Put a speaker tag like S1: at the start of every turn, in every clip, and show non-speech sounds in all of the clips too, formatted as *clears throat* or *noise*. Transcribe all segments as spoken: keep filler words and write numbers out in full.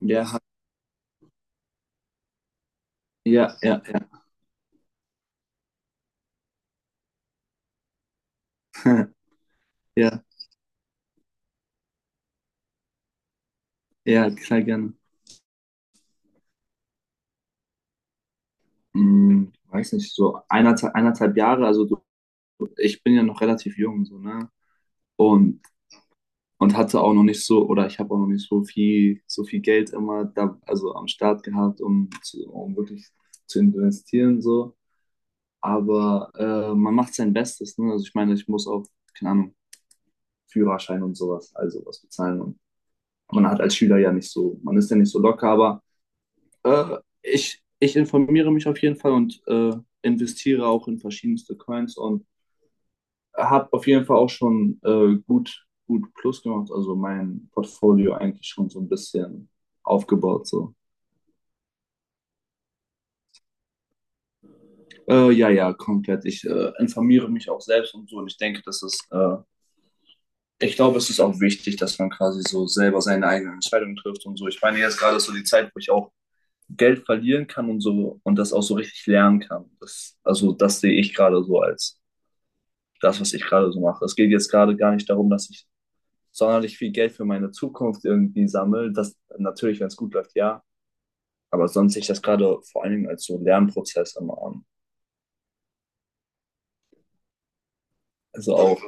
S1: Ja, ha- ja, ja, ja. *laughs* Ja, ja, klar, gerne. Hm, weiß nicht, so eineinhalb, eineinhalb Jahre, also so, ich bin ja noch relativ jung, so, ne? Und, und hatte auch noch nicht so, oder ich habe auch noch nicht so viel, so viel Geld immer da, also am Start gehabt, um, zu, um wirklich zu investieren, so. Aber äh, man macht sein Bestes, ne? Also ich meine, ich muss auch, keine Ahnung, Führerschein und sowas, also was bezahlen. Und man hat als Schüler ja nicht so, man ist ja nicht so locker, aber. Äh, ich, ich informiere mich auf jeden Fall und äh, investiere auch in verschiedenste Coins und habe auf jeden Fall auch schon äh, gut, gut Plus gemacht, also mein Portfolio eigentlich schon so ein bisschen aufgebaut. So. Äh, ja, ja, komplett. Ich äh, informiere mich auch selbst und so und ich denke, das ist, äh, ich glaube, es ist auch wichtig, dass man quasi so selber seine eigenen Entscheidungen trifft und so. Ich meine, jetzt gerade ist so die Zeit, wo ich auch Geld verlieren kann und so und das auch so richtig lernen kann. Das, also das sehe ich gerade so als das, was ich gerade so mache. Es geht jetzt gerade gar nicht darum, dass ich sonderlich viel Geld für meine Zukunft irgendwie sammle. Das natürlich, wenn es gut läuft, ja. Aber sonst sehe ich das gerade vor allen Dingen als so Lernprozess immer an. Also auch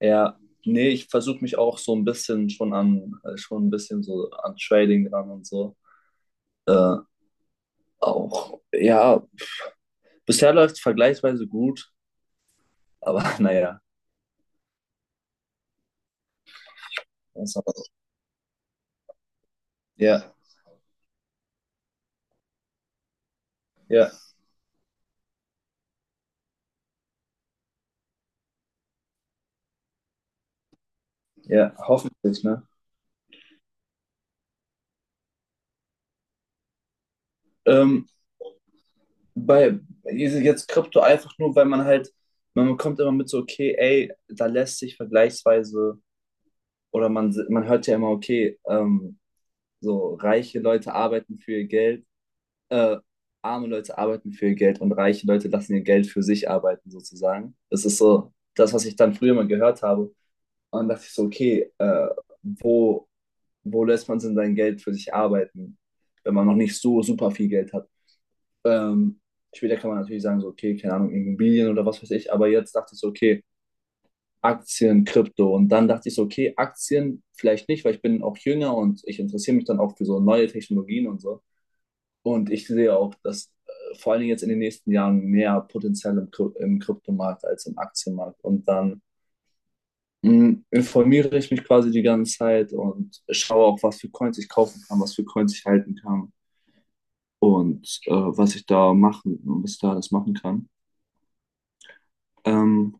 S1: eher, nee, ich versuche mich auch so ein bisschen schon an, äh, schon ein bisschen so an Trading dran und so. Äh, auch, ja, bisher läuft es vergleichsweise gut, aber *laughs* naja. Ja, ja, ja, hoffentlich, ne? Ähm, bei jetzt Krypto einfach nur, weil man halt, man kommt immer mit so, okay, ey, da lässt sich vergleichsweise, oder man, man hört ja immer, okay, ähm, so reiche Leute arbeiten für ihr Geld, äh, arme Leute arbeiten für ihr Geld und reiche Leute lassen ihr Geld für sich arbeiten, sozusagen. Das ist so das, was ich dann früher mal gehört habe. Und dann dachte ich so, okay, äh, wo, wo lässt man denn sein Geld für sich arbeiten, wenn man noch nicht so super viel Geld hat? Ähm, später kann man natürlich sagen, so, okay, keine Ahnung, Immobilien oder was weiß ich, aber jetzt dachte ich so, okay, Aktien, Krypto. Und dann dachte ich so, okay, Aktien vielleicht nicht, weil ich bin auch jünger und ich interessiere mich dann auch für so neue Technologien und so. Und ich sehe auch, dass äh, vor allen Dingen jetzt in den nächsten Jahren mehr Potenzial im, Kry im Kryptomarkt als im Aktienmarkt. Und dann mh, informiere ich mich quasi die ganze Zeit und schaue auch, was für Coins ich kaufen kann, was für Coins ich halten kann und äh, was ich da machen, was ich da alles machen kann. Ähm,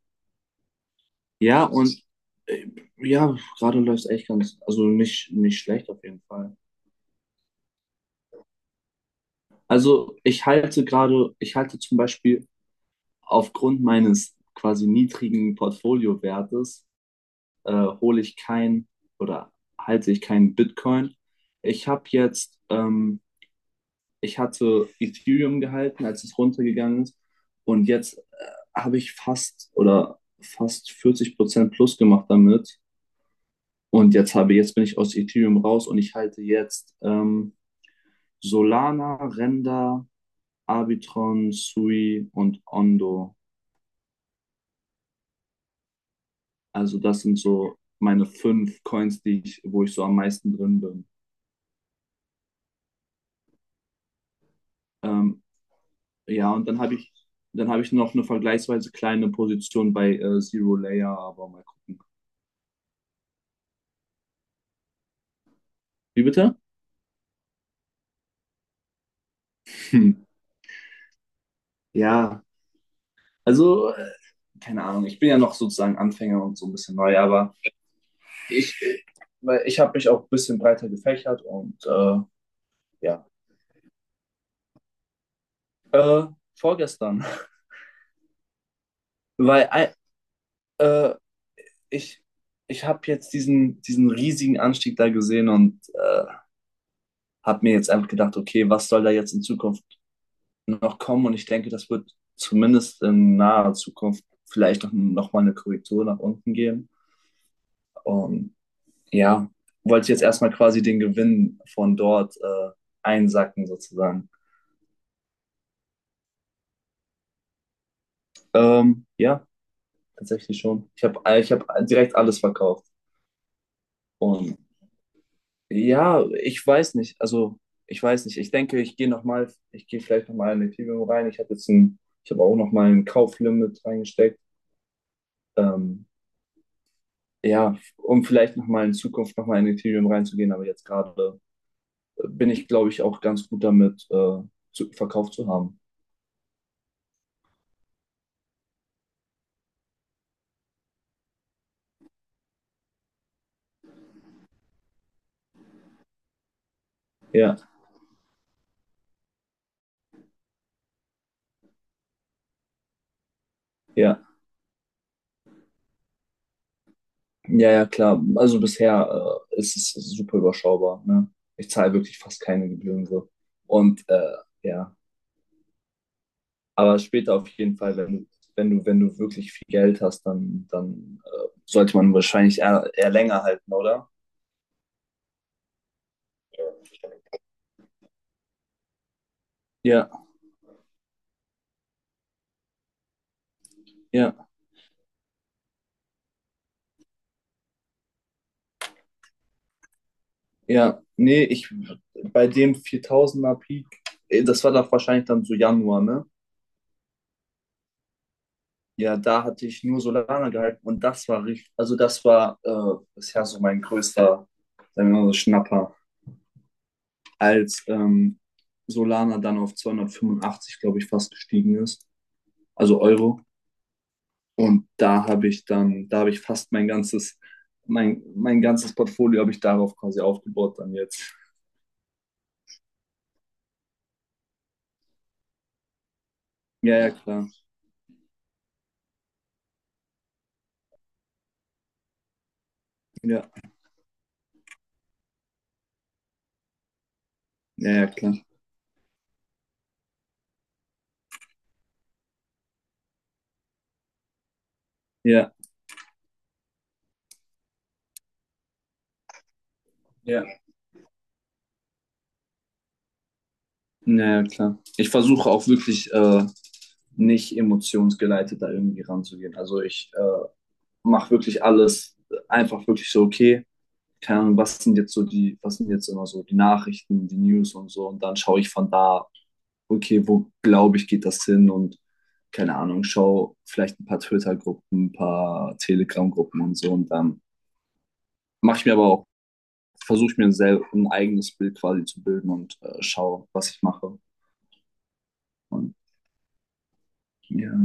S1: Ja, und äh, ja, gerade läuft es echt ganz, also nicht, nicht schlecht auf jeden Fall. Also ich halte gerade, ich halte zum Beispiel aufgrund meines quasi niedrigen Portfoliowertes, äh, hole ich kein oder halte ich keinen Bitcoin. Ich habe jetzt, ähm, ich hatte Ethereum gehalten, als es runtergegangen ist. Und jetzt äh, habe ich fast oder fast vierzig Prozent plus gemacht damit. Und jetzt habe, jetzt bin ich aus Ethereum raus und ich halte jetzt ähm, Solana, Render, Arbitron, Sui und Ondo. Also das sind so meine fünf Coins, die ich, wo ich so am meisten drin bin. Ähm, ja, und dann habe ich, dann habe ich noch eine vergleichsweise kleine Position bei äh, Zero Layer, aber mal gucken. Wie bitte? Hm. Ja, also äh, keine Ahnung, ich bin ja noch sozusagen Anfänger und so ein bisschen neu, aber ich, äh, weil ich habe mich auch ein bisschen breiter gefächert und äh, ja. Äh, vorgestern. *laughs* Weil äh, äh, ich, ich habe jetzt diesen, diesen riesigen Anstieg da gesehen und äh, habe mir jetzt einfach gedacht, okay, was soll da jetzt in Zukunft noch kommen? Und ich denke, das wird zumindest in naher Zukunft vielleicht noch, noch mal eine Korrektur nach unten geben. Und ja, wollte jetzt erstmal quasi den Gewinn von dort äh, einsacken sozusagen. Ähm, ja, tatsächlich schon. Ich habe ich hab direkt alles verkauft. Und ja, ich weiß nicht. Also, ich weiß nicht. Ich denke, ich gehe noch mal, ich gehe vielleicht noch mal in Ethereum rein. Ich habe jetzt ein, ich habe auch noch mal ein Kauflimit reingesteckt. Ähm, ja, um vielleicht noch mal in Zukunft noch mal in Ethereum reinzugehen. Aber jetzt gerade äh, bin ich, glaube ich, auch ganz gut damit, äh, zu, verkauft zu haben. Ja, ja, ja, ja, klar. Also bisher, äh, ist es super überschaubar, ne? Ich zahle wirklich fast keine Gebühren so. Und äh, ja. Aber später auf jeden Fall, wenn du, wenn du, wenn du wirklich viel Geld hast, dann, dann äh, sollte man wahrscheinlich eher, eher länger halten, oder? Ja, ja, ja. Nee, ich bei dem viertausender Peak, äh, das war doch wahrscheinlich dann so Januar, ne? Ja, da hatte ich nur Solana gehalten und das war richtig, also das war äh, bisher so mein größter, sagen wir mal so Schnapper, als ähm, Solana dann auf zweihundertfünfundachtzig, glaube ich, fast gestiegen ist, also Euro. Und da habe ich dann, da habe ich fast mein ganzes, mein, mein ganzes Portfolio habe ich darauf quasi aufgebaut dann jetzt. Ja, ja, klar. Ja, ja, ja, klar. Ja, ja. ja, ja, klar. Ich versuche auch wirklich äh, nicht emotionsgeleitet da irgendwie ranzugehen. Also ich äh, mache wirklich alles einfach wirklich so, okay, keine Ahnung, was sind jetzt so die, was sind jetzt immer so die Nachrichten, die News und so. Und dann schaue ich von da okay, wo glaube ich, geht das hin? Und keine Ahnung, schau vielleicht ein paar Twitter-Gruppen, ein paar Telegram-Gruppen und so. Und dann mache ich mir aber auch, versuche ich mir ein, sel- ein eigenes Bild quasi zu bilden und äh, schaue, was ich mache. Und ja.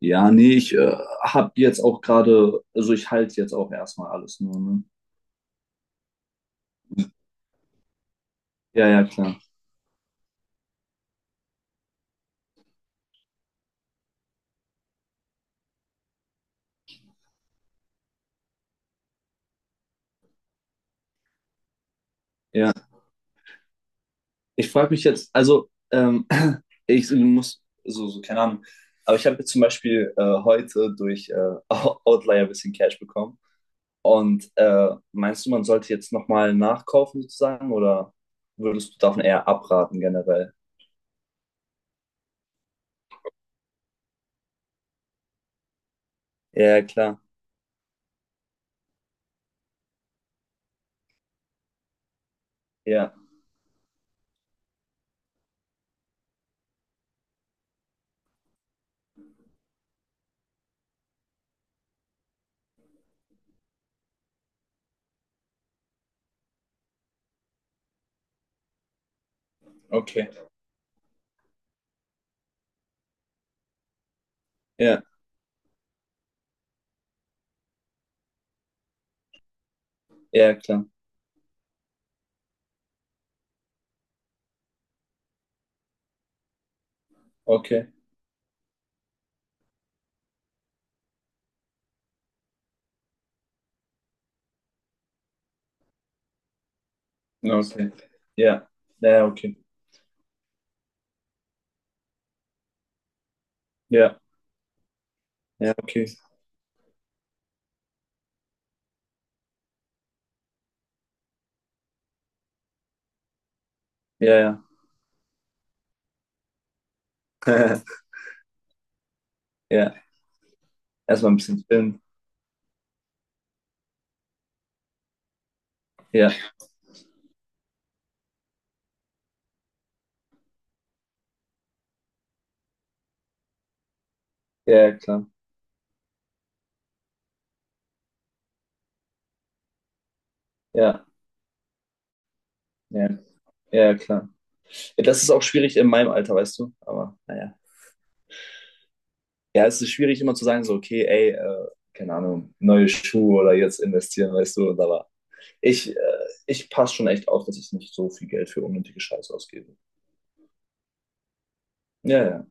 S1: Ja, nee, ich äh, habe jetzt auch gerade, also ich halte jetzt auch erstmal alles nur, ne? Ja, ja, klar. Ja. Ich frage mich jetzt, also, ähm, *clears throat* ich muss, so, so, keine Ahnung, aber ich habe jetzt zum Beispiel äh, heute durch äh, *laughs* Outlier ein bisschen Cash bekommen. Und äh, meinst du, man sollte jetzt nochmal nachkaufen sozusagen oder würdest du davon eher abraten generell? Ja, klar. Ja, okay. Ja, ja, klar. Okay. Ja, okay. Ja, ja, ja, okay. Ja, ja, okay. Ja, ja. *laughs* Ja, erstmal ein bisschen chillen. Ja, ja, ja, klar. Ja, ja, ja, ja, klar. Ja, das ist auch schwierig in meinem Alter, weißt du? Aber naja. Ja, es ist schwierig immer zu sagen, so, okay, ey, äh, keine Ahnung, neue Schuhe oder jetzt investieren, weißt du? Und da ich, äh, ich passe schon echt auf, dass ich nicht so viel Geld für unnötige Scheiße ausgebe. Ja, ja.